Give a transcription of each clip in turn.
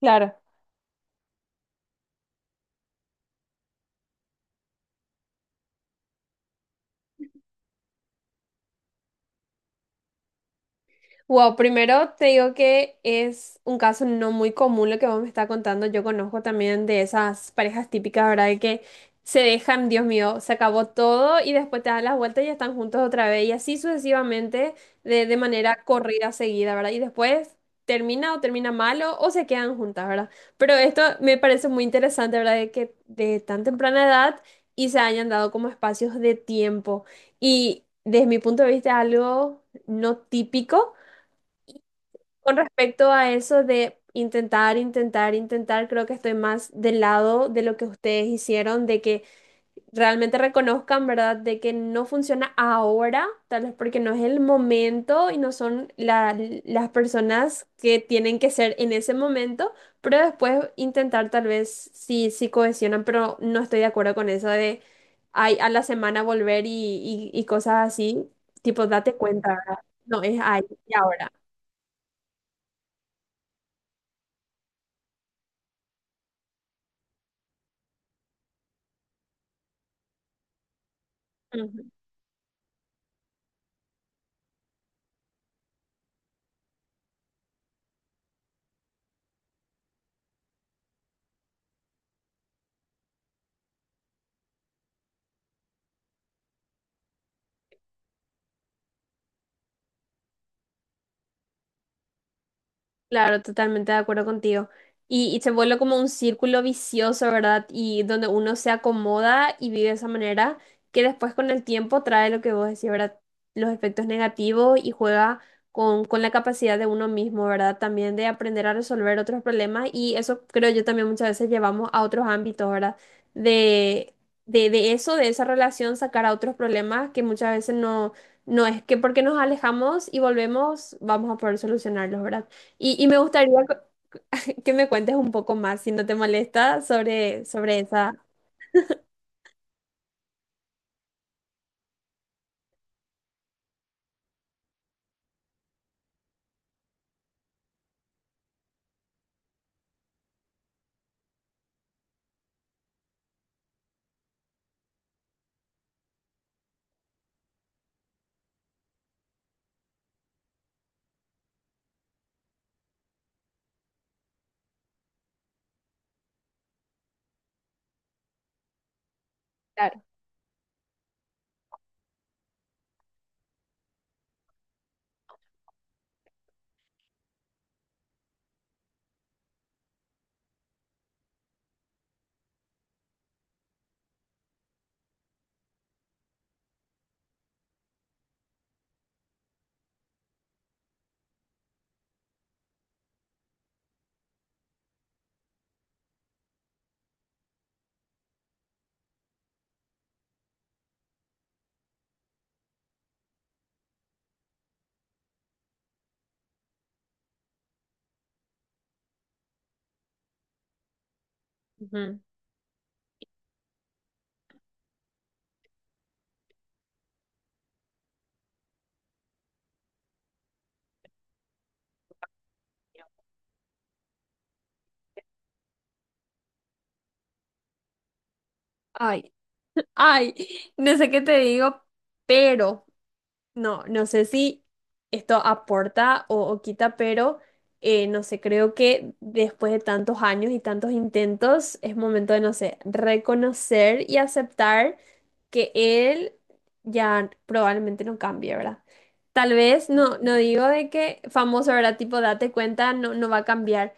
Claro. Wow, primero te digo que es un caso no muy común lo que vos me estás contando. Yo conozco también de esas parejas típicas, ¿verdad? De que se dejan, Dios mío, se acabó todo y después te dan las vueltas y ya están juntos otra vez y así sucesivamente de manera corrida, seguida, ¿verdad? Y después termina o termina malo o se quedan juntas, ¿verdad? Pero esto me parece muy interesante, ¿verdad? De que de tan temprana edad y se hayan dado como espacios de tiempo. Y desde mi punto de vista, algo no típico. Con respecto a eso de intentar, intentar, intentar, creo que estoy más del lado de lo que ustedes hicieron, de que realmente reconozcan, ¿verdad? De que no funciona ahora, tal vez porque no es el momento y no son la- las personas que tienen que ser en ese momento, pero después intentar tal vez sí, sí cohesionan, pero no estoy de acuerdo con eso de ay, a la semana volver y cosas así, tipo, date cuenta, ¿verdad? No, es ahí y ahora. Ujú. Claro, totalmente de acuerdo contigo. Y se vuelve como un círculo vicioso, ¿verdad? Y donde uno se acomoda y vive de esa manera, que después con el tiempo trae lo que vos decís, ¿verdad? Los efectos negativos y juega con la capacidad de uno mismo, ¿verdad? También de aprender a resolver otros problemas. Y eso creo yo también muchas veces llevamos a otros ámbitos, ¿verdad? De, de eso, de esa relación, sacar a otros problemas que muchas veces no, no es que porque nos alejamos y volvemos, vamos a poder solucionarlos, ¿verdad? Y me gustaría que me cuentes un poco más, si no te molesta, sobre, sobre esa. Ujú. Ay, ay, no sé qué te digo, pero no, no sé si esto aporta o quita, pero no sé, creo que después de tantos años y tantos intentos, es momento de, no sé, reconocer y aceptar que él ya probablemente no cambie, ¿verdad? Tal vez, no, no digo de que famoso, ¿verdad? Tipo, date cuenta, no, no va a cambiar.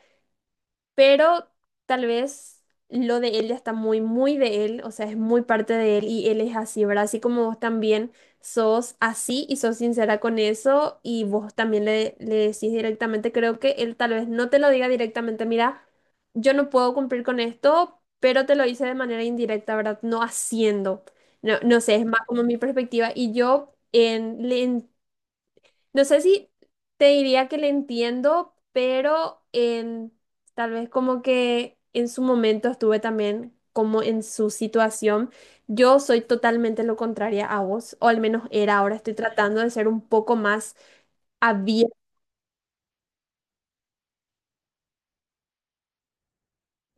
Pero tal vez lo de él ya está muy, muy de él, o sea, es muy parte de él y él es así, ¿verdad? Así como vos también sos así y sos sincera con eso y vos también le decís directamente, creo que él tal vez no te lo diga directamente, mira, yo no puedo cumplir con esto, pero te lo hice de manera indirecta, ¿verdad? No haciendo. No, no sé, es más como mi perspectiva y yo en, le no sé si te diría que le entiendo, pero tal vez como que en su momento estuve también como en su situación. Yo soy totalmente lo contraria a vos, o al menos era, ahora estoy tratando de ser un poco más.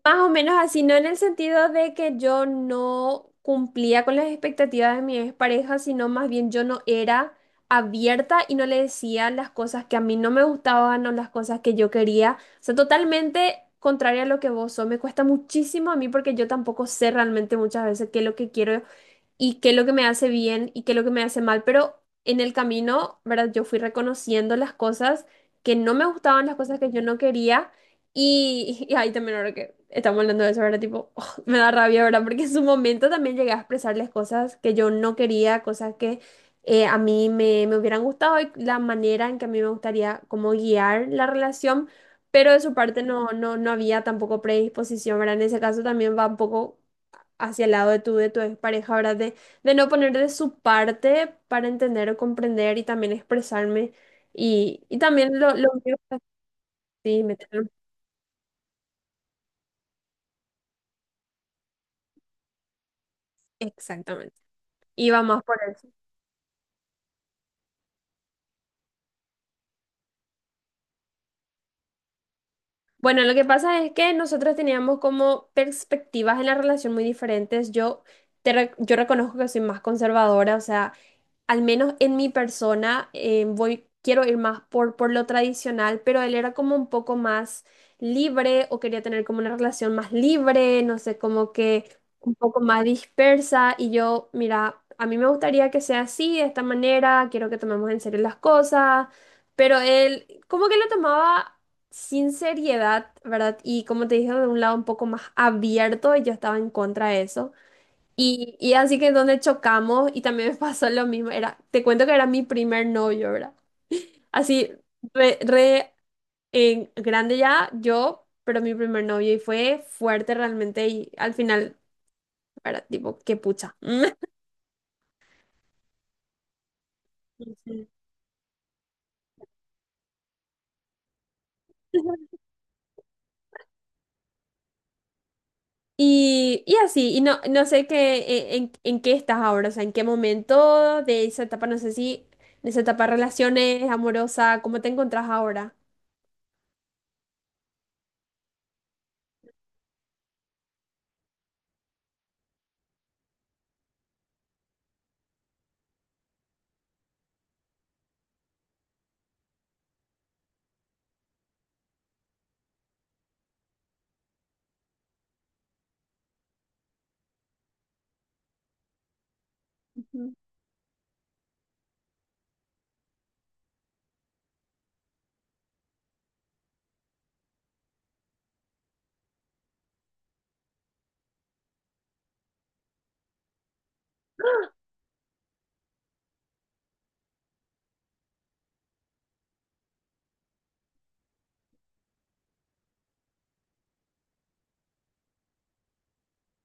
Más o menos así, no en el sentido de que yo no cumplía con las expectativas de mi expareja, sino más bien yo no era abierta y no le decía las cosas que a mí no me gustaban o las cosas que yo quería. O sea, totalmente contraria a lo que vos sos. Me cuesta muchísimo a mí porque yo tampoco sé realmente muchas veces qué es lo que quiero y qué es lo que me hace bien y qué es lo que me hace mal, pero en el camino, ¿verdad? Yo fui reconociendo las cosas que no me gustaban, las cosas que yo no quería y ahí también ahora que estamos hablando de eso, ¿verdad? Tipo, oh, me da rabia, ¿verdad? Porque en su momento también llegué a expresarles cosas que yo no quería, cosas que a mí me hubieran gustado y la manera en que a mí me gustaría como guiar la relación. Pero de su parte no, no, no había tampoco predisposición, ¿verdad? En ese caso también va un poco hacia el lado de tu pareja, ¿verdad? De no poner de su parte para entender o comprender y también expresarme. Y también lo mío es así, meterlo. Exactamente. Y va más por eso. Bueno, lo que pasa es que nosotros teníamos como perspectivas en la relación muy diferentes. Yo reconozco que soy más conservadora, o sea, al menos en mi persona, quiero ir más por lo tradicional, pero él era como un poco más libre o quería tener como una relación más libre, no sé, como que un poco más dispersa y yo, mira, a mí me gustaría que sea así, de esta manera, quiero que tomemos en serio las cosas, pero él como que lo tomaba sin seriedad, ¿verdad? Y como te dije, de un lado un poco más abierto y yo estaba en contra de eso. Y así que donde chocamos y también me pasó lo mismo, era, te cuento que era mi primer novio, ¿verdad? Así, re, re, grande ya, yo, pero mi primer novio y fue fuerte realmente y al final, era tipo, qué pucha. Ujú. Y así, y no, no sé qué, en qué estás ahora, o sea, en qué momento de esa etapa, no sé si, de esa etapa de relaciones, amorosa, ¿cómo te encontrás ahora? Ujú.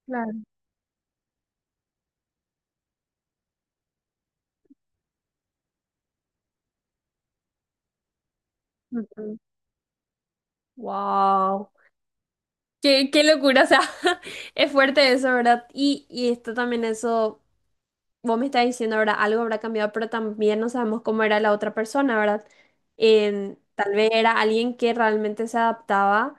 Claro. Wow. Qué locura, o sea, es fuerte eso, ¿verdad? Y esto también, eso, vos me estás diciendo, ¿verdad? Algo habrá cambiado, pero también no sabemos cómo era la otra persona, ¿verdad? En- tal vez era alguien que realmente se adaptaba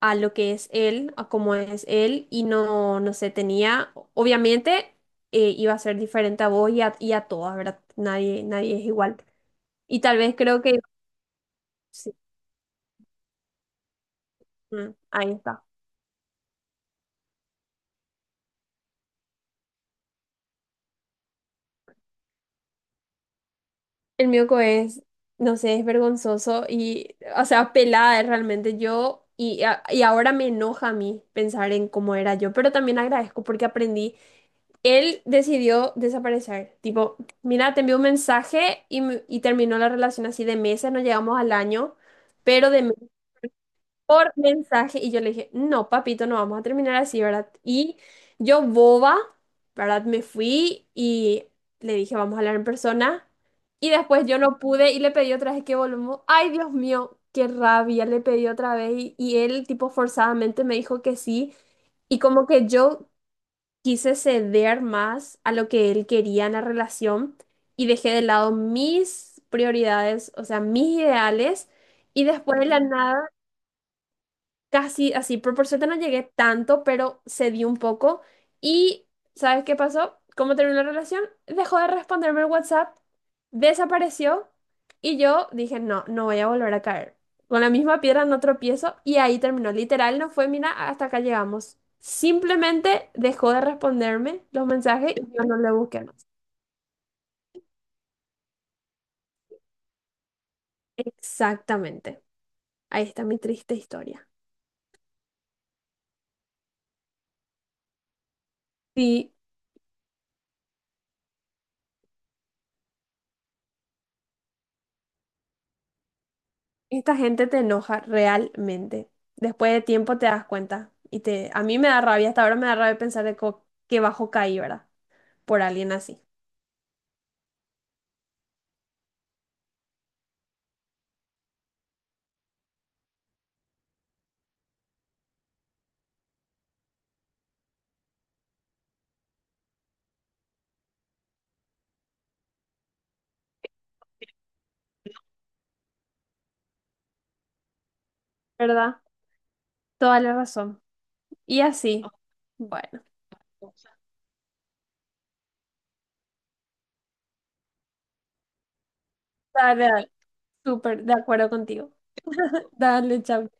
a lo que es él, a cómo es él, y no, no sé, tenía, obviamente, iba a ser diferente a vos y a todas, ¿verdad? Nadie, nadie es igual. Y tal vez creo que, sí, ahí está. El mioco es, no sé, es vergonzoso y, o sea, pelada es realmente yo y ahora me enoja a mí pensar en cómo era yo, pero también agradezco porque aprendí. Él decidió desaparecer, tipo, mira, te envió un mensaje y terminó la relación así de meses, no llegamos al año, pero de por mensaje y yo le dije, no, papito, no vamos a terminar así, ¿verdad? Y yo boba, ¿verdad? Me fui y le dije, vamos a hablar en persona. Y después yo no pude y le pedí otra vez que volvamos. Ay, Dios mío, qué rabia, le pedí otra vez y él tipo forzadamente me dijo que sí. Y como que yo quise ceder más a lo que él quería en la relación y dejé de lado mis prioridades, o sea, mis ideales. Y después de la nada casi así, pero por suerte no llegué tanto, pero cedí un poco. Y, ¿sabes qué pasó? ¿Cómo terminó la relación? Dejó de responderme el WhatsApp, desapareció y yo dije, no, no voy a volver a caer. Con la misma piedra no tropiezo y ahí terminó. Literal, no fue, mira, hasta acá llegamos. Simplemente dejó de responderme los mensajes y yo no le busqué más. Exactamente. Ahí está mi triste historia. Sí. Esta gente te enoja realmente. Después de tiempo te das cuenta. Y te, a mí me da rabia, hasta ahora me da rabia pensar qué bajo caí, ¿verdad? Por alguien así. ¿Verdad? Toda la razón. Y así. Bueno, dale, dale. Súper de acuerdo contigo. Dale, chao.